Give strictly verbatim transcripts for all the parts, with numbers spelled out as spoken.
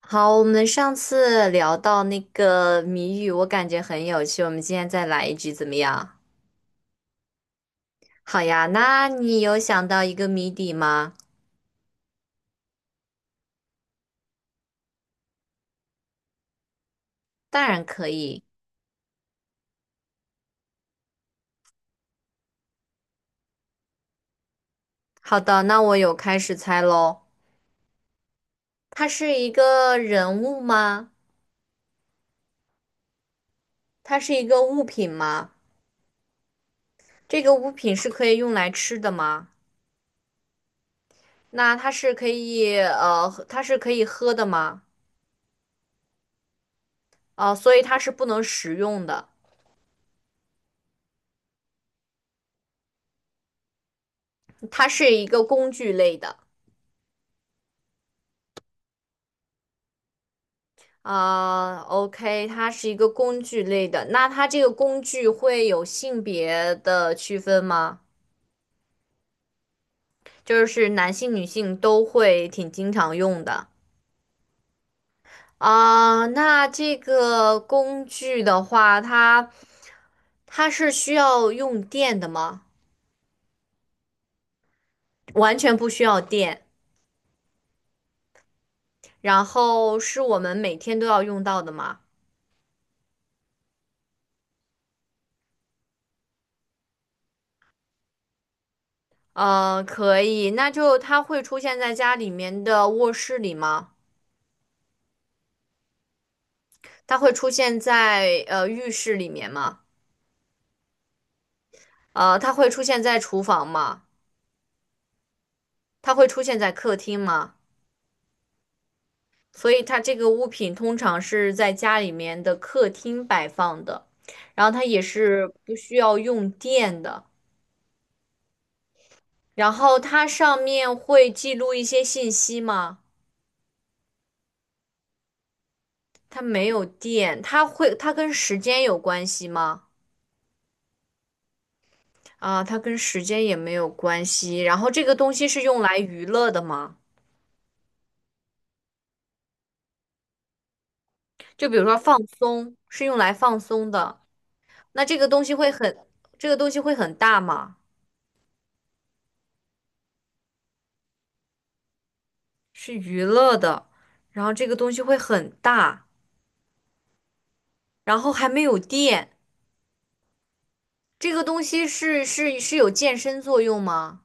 好，我们上次聊到那个谜语，我感觉很有趣，我们今天再来一局怎么样？好呀，那你有想到一个谜底吗？当然可以。好的，那我有开始猜喽。它是一个人物吗？它是一个物品吗？这个物品是可以用来吃的吗？那它是可以呃，它是可以喝的吗？哦、所以它是不能食用的，它是一个工具类的。啊，OK，它是一个工具类的，那它这个工具会有性别的区分吗？就是男性、女性都会挺经常用的啊。那这个工具的话，它它是需要用电的吗？完全不需要电，然后是我们每天都要用到的吗？呃，可以，那就它会出现在家里面的卧室里吗？它会出现在呃浴室里面吗？呃，它会出现在厨房吗？它会出现在客厅吗？所以它这个物品通常是在家里面的客厅摆放的，然后它也是不需要用电的。然后它上面会记录一些信息吗？它没有电，它会，它跟时间有关系吗？啊，它跟时间也没有关系。然后这个东西是用来娱乐的吗？就比如说放松，是用来放松的。那这个东西会很，这个东西会很大吗？是娱乐的，然后这个东西会很大，然后还没有电。这个东西是是是有健身作用吗？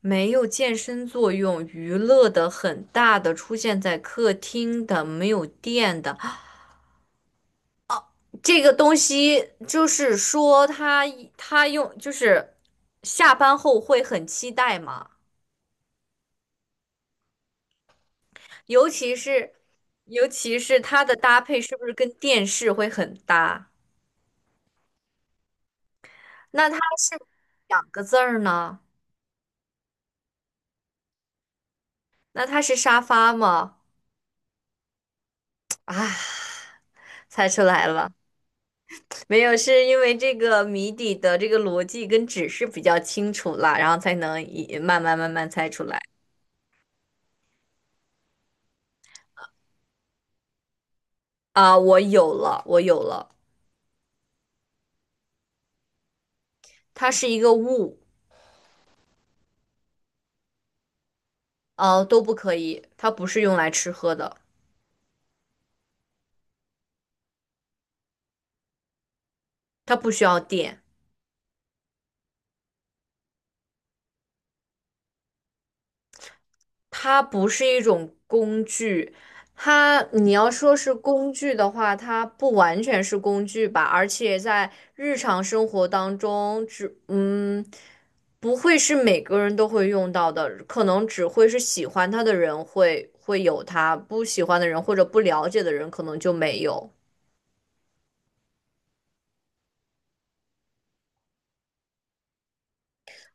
没有健身作用，娱乐的很大的出现在客厅的，没有电的这个东西，就是说它它用就是下班后会很期待嘛，尤其是尤其是它的搭配是不是跟电视会很搭？那它是两个字儿呢？那它是沙发吗？啊，猜出来了，没有，是因为这个谜底的这个逻辑跟指示比较清楚了，然后才能一慢慢慢慢猜出来。啊，我有了，我有了，它是一个物，呃，都不可以，它不是用来吃喝的，它不需要电。它不是一种工具，它你要说是工具的话，它不完全是工具吧，而且在日常生活当中，只嗯不会是每个人都会用到的，可能只会是喜欢它的人会会有它，不喜欢的人或者不了解的人可能就没有。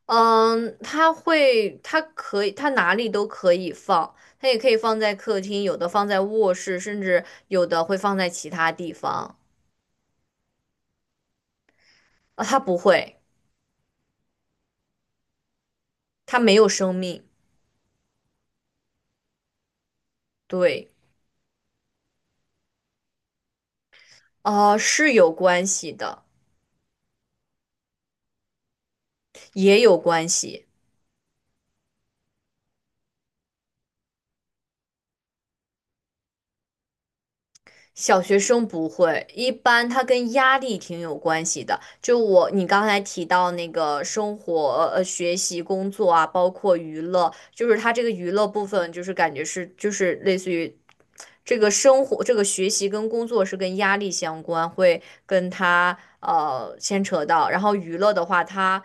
嗯，它会，它可以，它哪里都可以放，它也可以放在客厅，有的放在卧室，甚至有的会放在其他地方。啊，它不会，它没有生命。对，啊，是有关系的，也有关系。小学生不会，一般它跟压力挺有关系的。就我，你刚才提到那个生活、呃，学习、工作啊，包括娱乐，就是它这个娱乐部分，就是感觉是，就是类似于这个生活、这个学习跟工作是跟压力相关，会跟他呃牵扯到。然后娱乐的话，它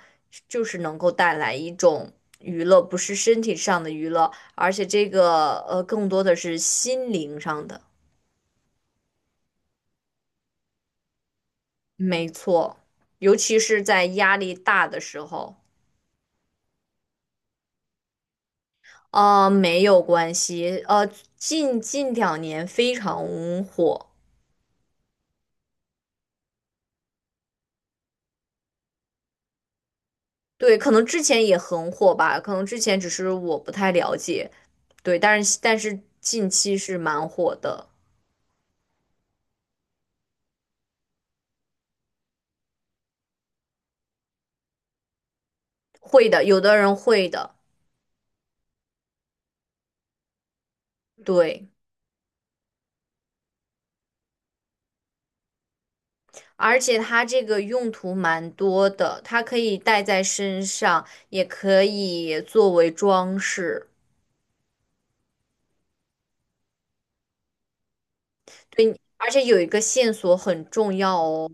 就是能够带来一种娱乐，不是身体上的娱乐，而且这个呃更多的是心灵上的。没错，尤其是在压力大的时候，呃，没有关系，呃，近近两年非常火，对，可能之前也很火吧，可能之前只是我不太了解，对，但是但是近期是蛮火的，会的，有的人会的，对，而且它这个用途蛮多的，它可以戴在身上，也可以作为装饰。对，而且有一个线索很重要哦，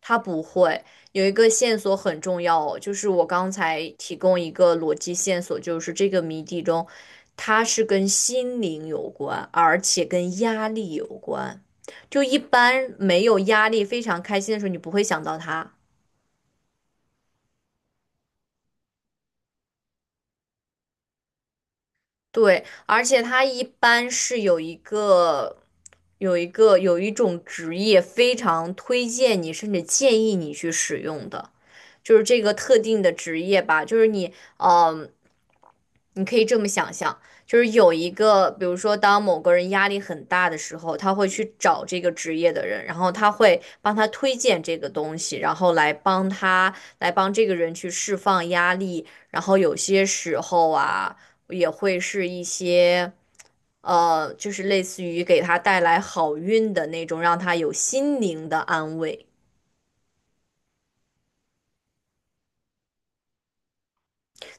它不会有一个线索很重要哦，就是我刚才提供一个逻辑线索，就是这个谜底中，它是跟心灵有关，而且跟压力有关。就一般没有压力、非常开心的时候，你不会想到它。对，而且它一般是有一个、有一个、有一种职业非常推荐你，甚至建议你去使用的，就是这个特定的职业吧。就是你，嗯、你可以这么想象，就是有一个，比如说，当某个人压力很大的时候，他会去找这个职业的人，然后他会帮他推荐这个东西，然后来帮他，来帮这个人去释放压力。然后有些时候啊，也会是一些，呃，就是类似于给他带来好运的那种，让他有心灵的安慰。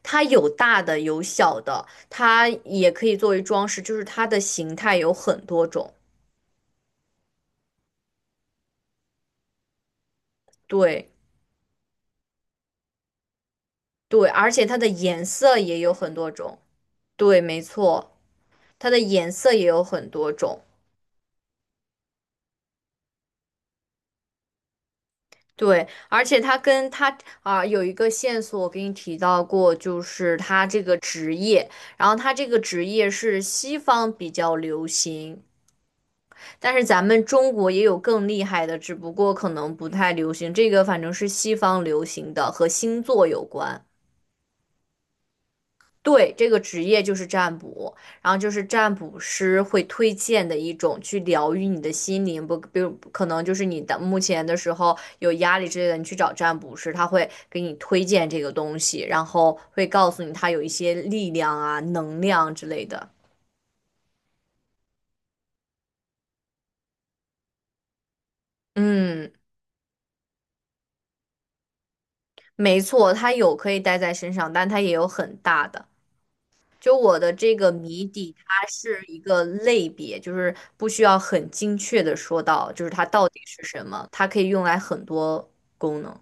它有大的，有小的，它也可以作为装饰，就是它的形态有很多种。对。对，而且它的颜色也有很多种。对，没错，它的颜色也有很多种。对，而且它跟它啊、有一个线索，我给你提到过，就是它这个职业，然后它这个职业是西方比较流行，但是咱们中国也有更厉害的，只不过可能不太流行。这个反正是西方流行的，和星座有关。对，这个职业就是占卜，然后就是占卜师会推荐的一种去疗愈你的心灵，不，比如可能就是你的目前的时候有压力之类的，你去找占卜师，他会给你推荐这个东西，然后会告诉你他有一些力量啊、能量之类的。嗯，没错，它有可以带在身上，但它也有很大的。就我的这个谜底，它是一个类别，就是不需要很精确的说到，就是它到底是什么，它可以用来很多功能。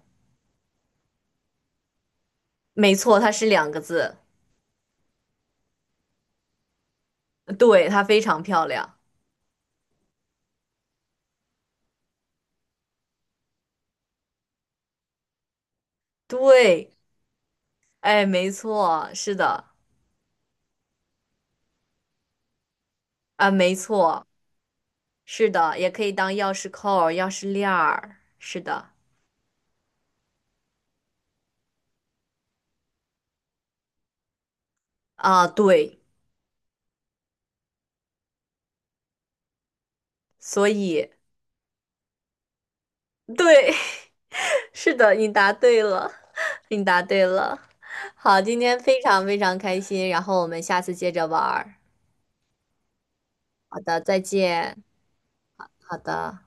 没错，它是两个字，对，它非常漂亮。对，哎，没错，是的，啊，没错，是的，也可以当钥匙扣儿钥匙链儿，是的，啊，对，所以，对，是的，你答对了，你答对了。好，今天非常非常开心，然后我们下次接着玩儿。好的，再见。好的。